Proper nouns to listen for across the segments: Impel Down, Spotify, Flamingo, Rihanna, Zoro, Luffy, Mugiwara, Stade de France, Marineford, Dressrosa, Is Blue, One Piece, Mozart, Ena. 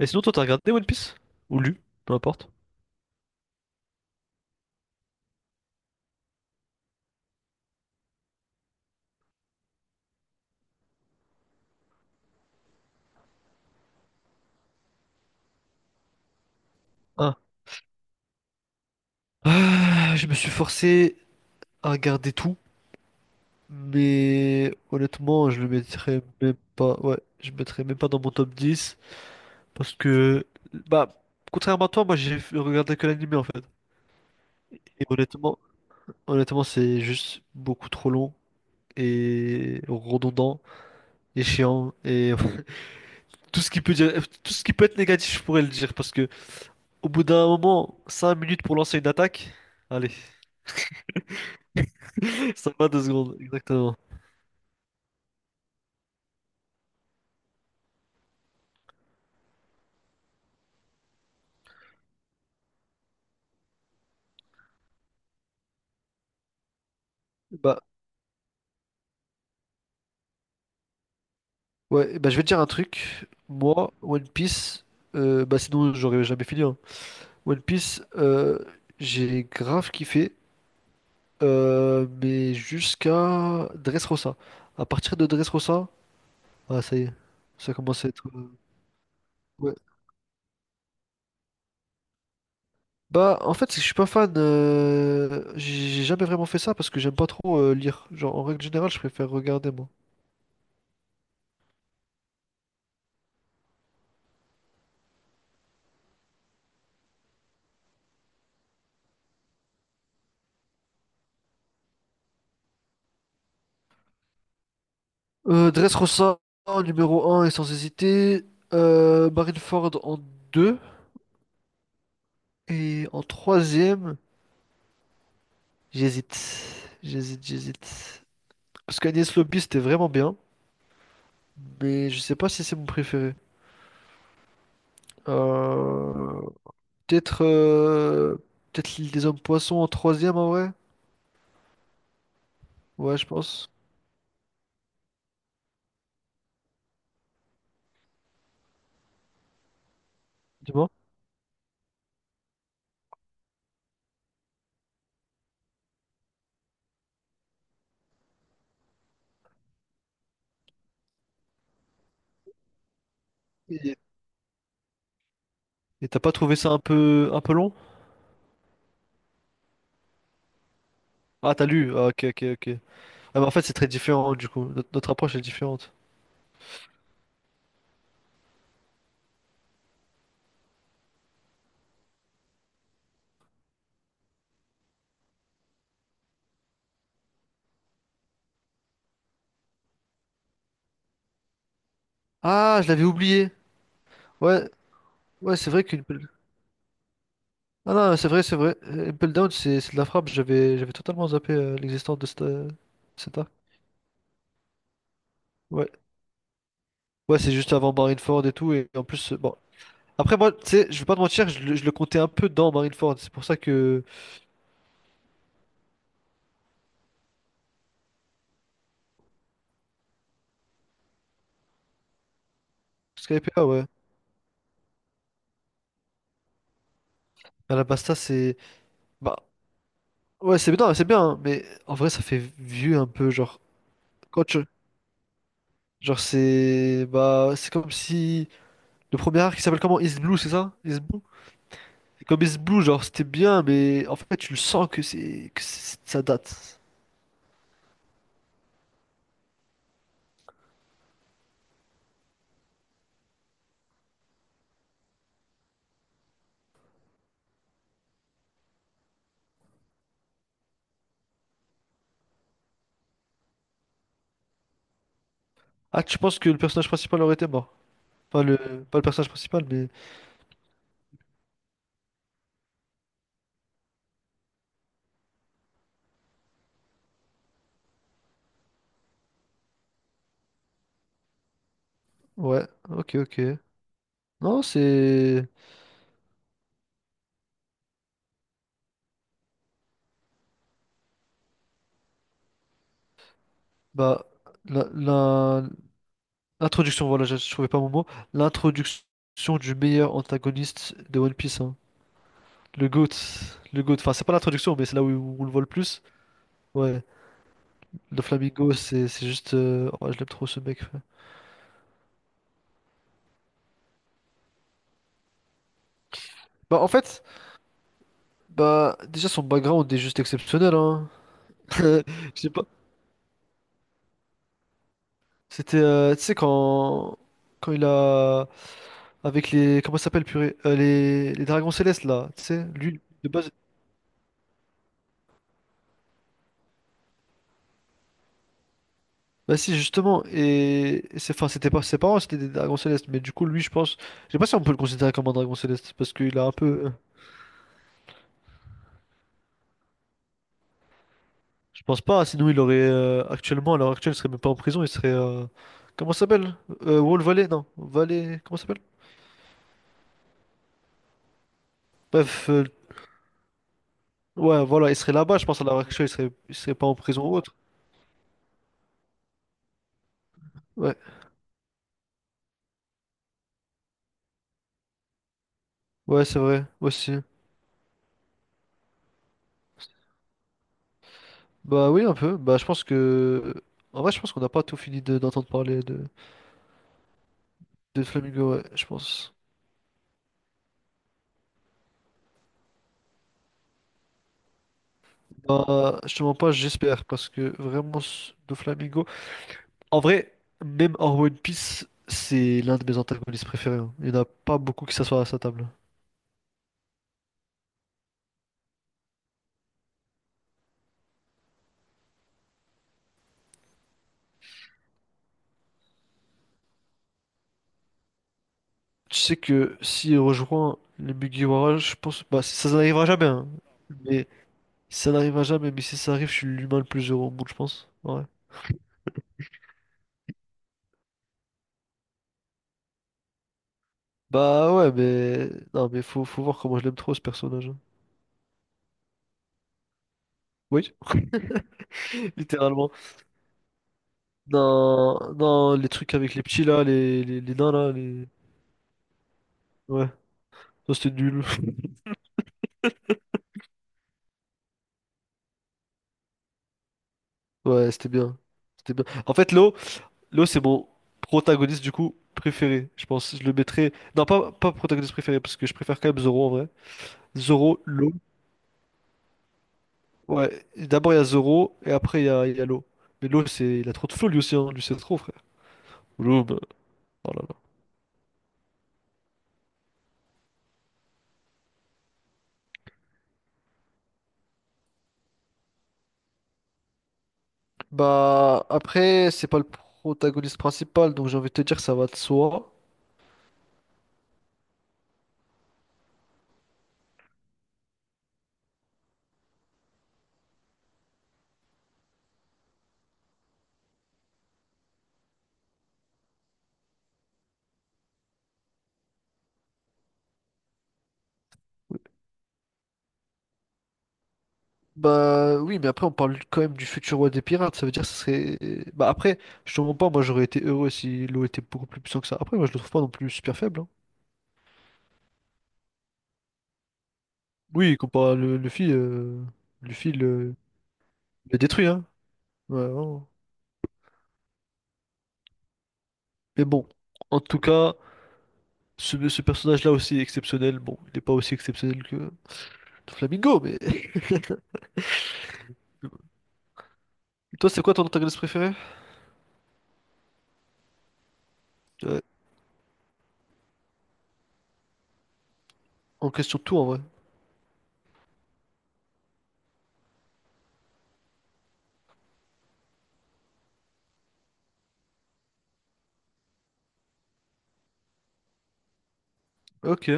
Et sinon, toi, t'as regardé One Piece? Ou lu? Peu importe. Ah. Ah, je me suis forcé à regarder tout, mais honnêtement, je le mettrais même pas. Ouais, je le mettrais même pas dans mon top 10 parce que, bah, contrairement à toi, moi j'ai regardé que l'anime en fait. Et honnêtement, c'est juste beaucoup trop long et redondant et chiant et tout ce qui peut dire, tout ce qui peut être négatif, je pourrais le dire parce que au bout d'un moment, 5 minutes pour lancer une attaque, allez. Ça va deux secondes, exactement. Bah, ouais, bah, je vais te dire un truc. Moi, One Piece, bah, sinon, j'aurais jamais fini, hein. One Piece, j'ai grave kiffé, mais jusqu'à Dressrosa. À partir de Dressrosa, ah, ça y est, ça commence à être. Ouais. Bah, en fait, c'est que je suis pas fan. J'ai jamais vraiment fait ça parce que j'aime pas trop lire. Genre, en règle générale, je préfère regarder, moi. Dressrosa en numéro un et sans hésiter. Marineford en deux. Et en troisième, j'hésite. J'hésite. Parce qu'Agnès Lobby, c'était vraiment bien. Mais je sais pas si c'est mon préféré. Euh, peut-être peut-être l'île des hommes poissons en troisième en vrai. Ouais, je pense. Dis-moi. Et et t'as pas trouvé ça un peu long? Ah, t'as lu. Ah, ok, ok. Ah, mais en fait, c'est très différent du coup. Notre approche est différente. Ah, je l'avais oublié. Ouais. Ouais, c'est vrai qu'une... pelle- Ah non, c'est vrai, c'est vrai. Impel Down, c'est de la frappe. J'avais totalement zappé l'existence de cette, cette arme. Ouais. Ouais, c'est juste avant Marineford et tout. Et en plus, bon. Après, moi, tu sais, je vais pas te mentir, je le comptais un peu dans Marineford. C'est pour ça que. Skype, ouais. À la Basta, c'est. Bah, ouais, c'est bien, hein, mais en vrai, ça fait vieux un peu. Genre, quand tu. Genre, c'est. Bah, c'est comme si. Le premier arc qui s'appelle comment? Is Blue, c'est ça? Is Blue? Comme Is Blue, genre, c'était bien, mais en fait, tu le sens que c'est- ça date. Ah, tu penses que le personnage principal aurait été mort? Pas le, pas le personnage principal, mais... Ouais, ok, ok. Non, c'est... Bah, la- l'introduction, voilà, je trouvais pas mon mot. L'introduction du meilleur antagoniste de One Piece, hein. Le GOAT. Le GOAT. Enfin, c'est pas l'introduction, mais c'est là où on le voit le plus. Ouais. Le Flamingo, c'est juste... oh, je l'aime trop, ce mec, ouais. Bah, en fait... Bah, déjà, son background est juste exceptionnel, hein. Euh, je sais pas. C'était, tu sais, quand... quand il a. Avec les. Comment ça s'appelle, purée? Les dragons célestes, là. Tu sais, lui, de base. Bah si, justement. Et c'est... Enfin, c'était pas ses parents, c'était des dragons célestes. Mais du coup, lui, je pense. Je sais pas si on peut le considérer comme un dragon céleste. Parce qu'il a un peu. Je pense pas. Sinon, il aurait. Actuellement, à l'heure actuelle, il serait même pas en prison. Il serait. Comment ça s'appelle? Wall Valley? Non. Valley. Comment ça s'appelle? Bref. Ouais, voilà. Il serait là-bas, je pense, à l'heure actuelle. Il serait pas en prison ou autre. Ouais. Ouais, c'est vrai, aussi. Bah oui, un peu. Bah je pense que... En vrai, je pense qu'on n'a pas tout fini de- d'entendre parler de Flamingo, ouais, je pense. Bah, je te mens pas, j'espère, parce que vraiment, ce- de Flamingo... En vrai, même en One Piece, c'est l'un de mes antagonistes préférés, hein. Il n'y en a pas beaucoup qui s'assoient à sa table. Tu sais que s'il rejoint les Mugiwara, je pense... Bah, ça n'arrivera jamais, hein. Mais ça n'arrivera jamais, mais si ça arrive, je suis l'humain le plus heureux au monde, je pense. Ouais. Bah ouais, mais non, mais faut voir comment je l'aime trop ce personnage, hein. Oui, littéralement. Non, non, les trucs avec les petits là, les nains là, les... Ouais, ça c'était nul. Ouais, c'était bien. C'était bien. En fait, l'eau c'est mon protagoniste du coup préféré. Je pense, je le mettrais... Non, pas protagoniste préféré, parce que je préfère quand même Zoro en vrai. Zoro, l'eau. Ouais, d'abord il y a Zoro, et après il y a l'eau. Mais l'eau, c'est... il a trop de flow lui aussi, hein. Lui c'est trop, frère. L'eau, bah, voilà. Bah, après, c'est pas le protagoniste principal, donc j'ai envie de te dire ça va de soi. Bah, oui, mais après, on parle quand même du futur roi des pirates, ça veut dire que ça serait. Bah, après, je te mens pas, moi j'aurais été heureux si l'eau était beaucoup plus puissant que ça. Après, moi je le trouve pas non plus super faible, hein. Oui, comparé à Luffy, Luffy le, le détruit, hein. Ouais, vraiment. Mais bon, en tout cas, ce personnage-là aussi est exceptionnel. Bon, il est pas aussi exceptionnel que Flamingo, mais. Et toi, c'est quoi ton antagoniste préféré? Ouais, on question tout en vrai. Ok.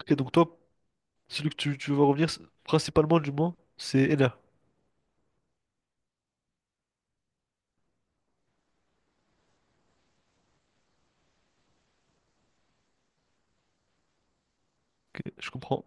Ok, donc toi. Celui que tu veux revenir, c'est- principalement du moins, c'est Ena. Ok, je comprends.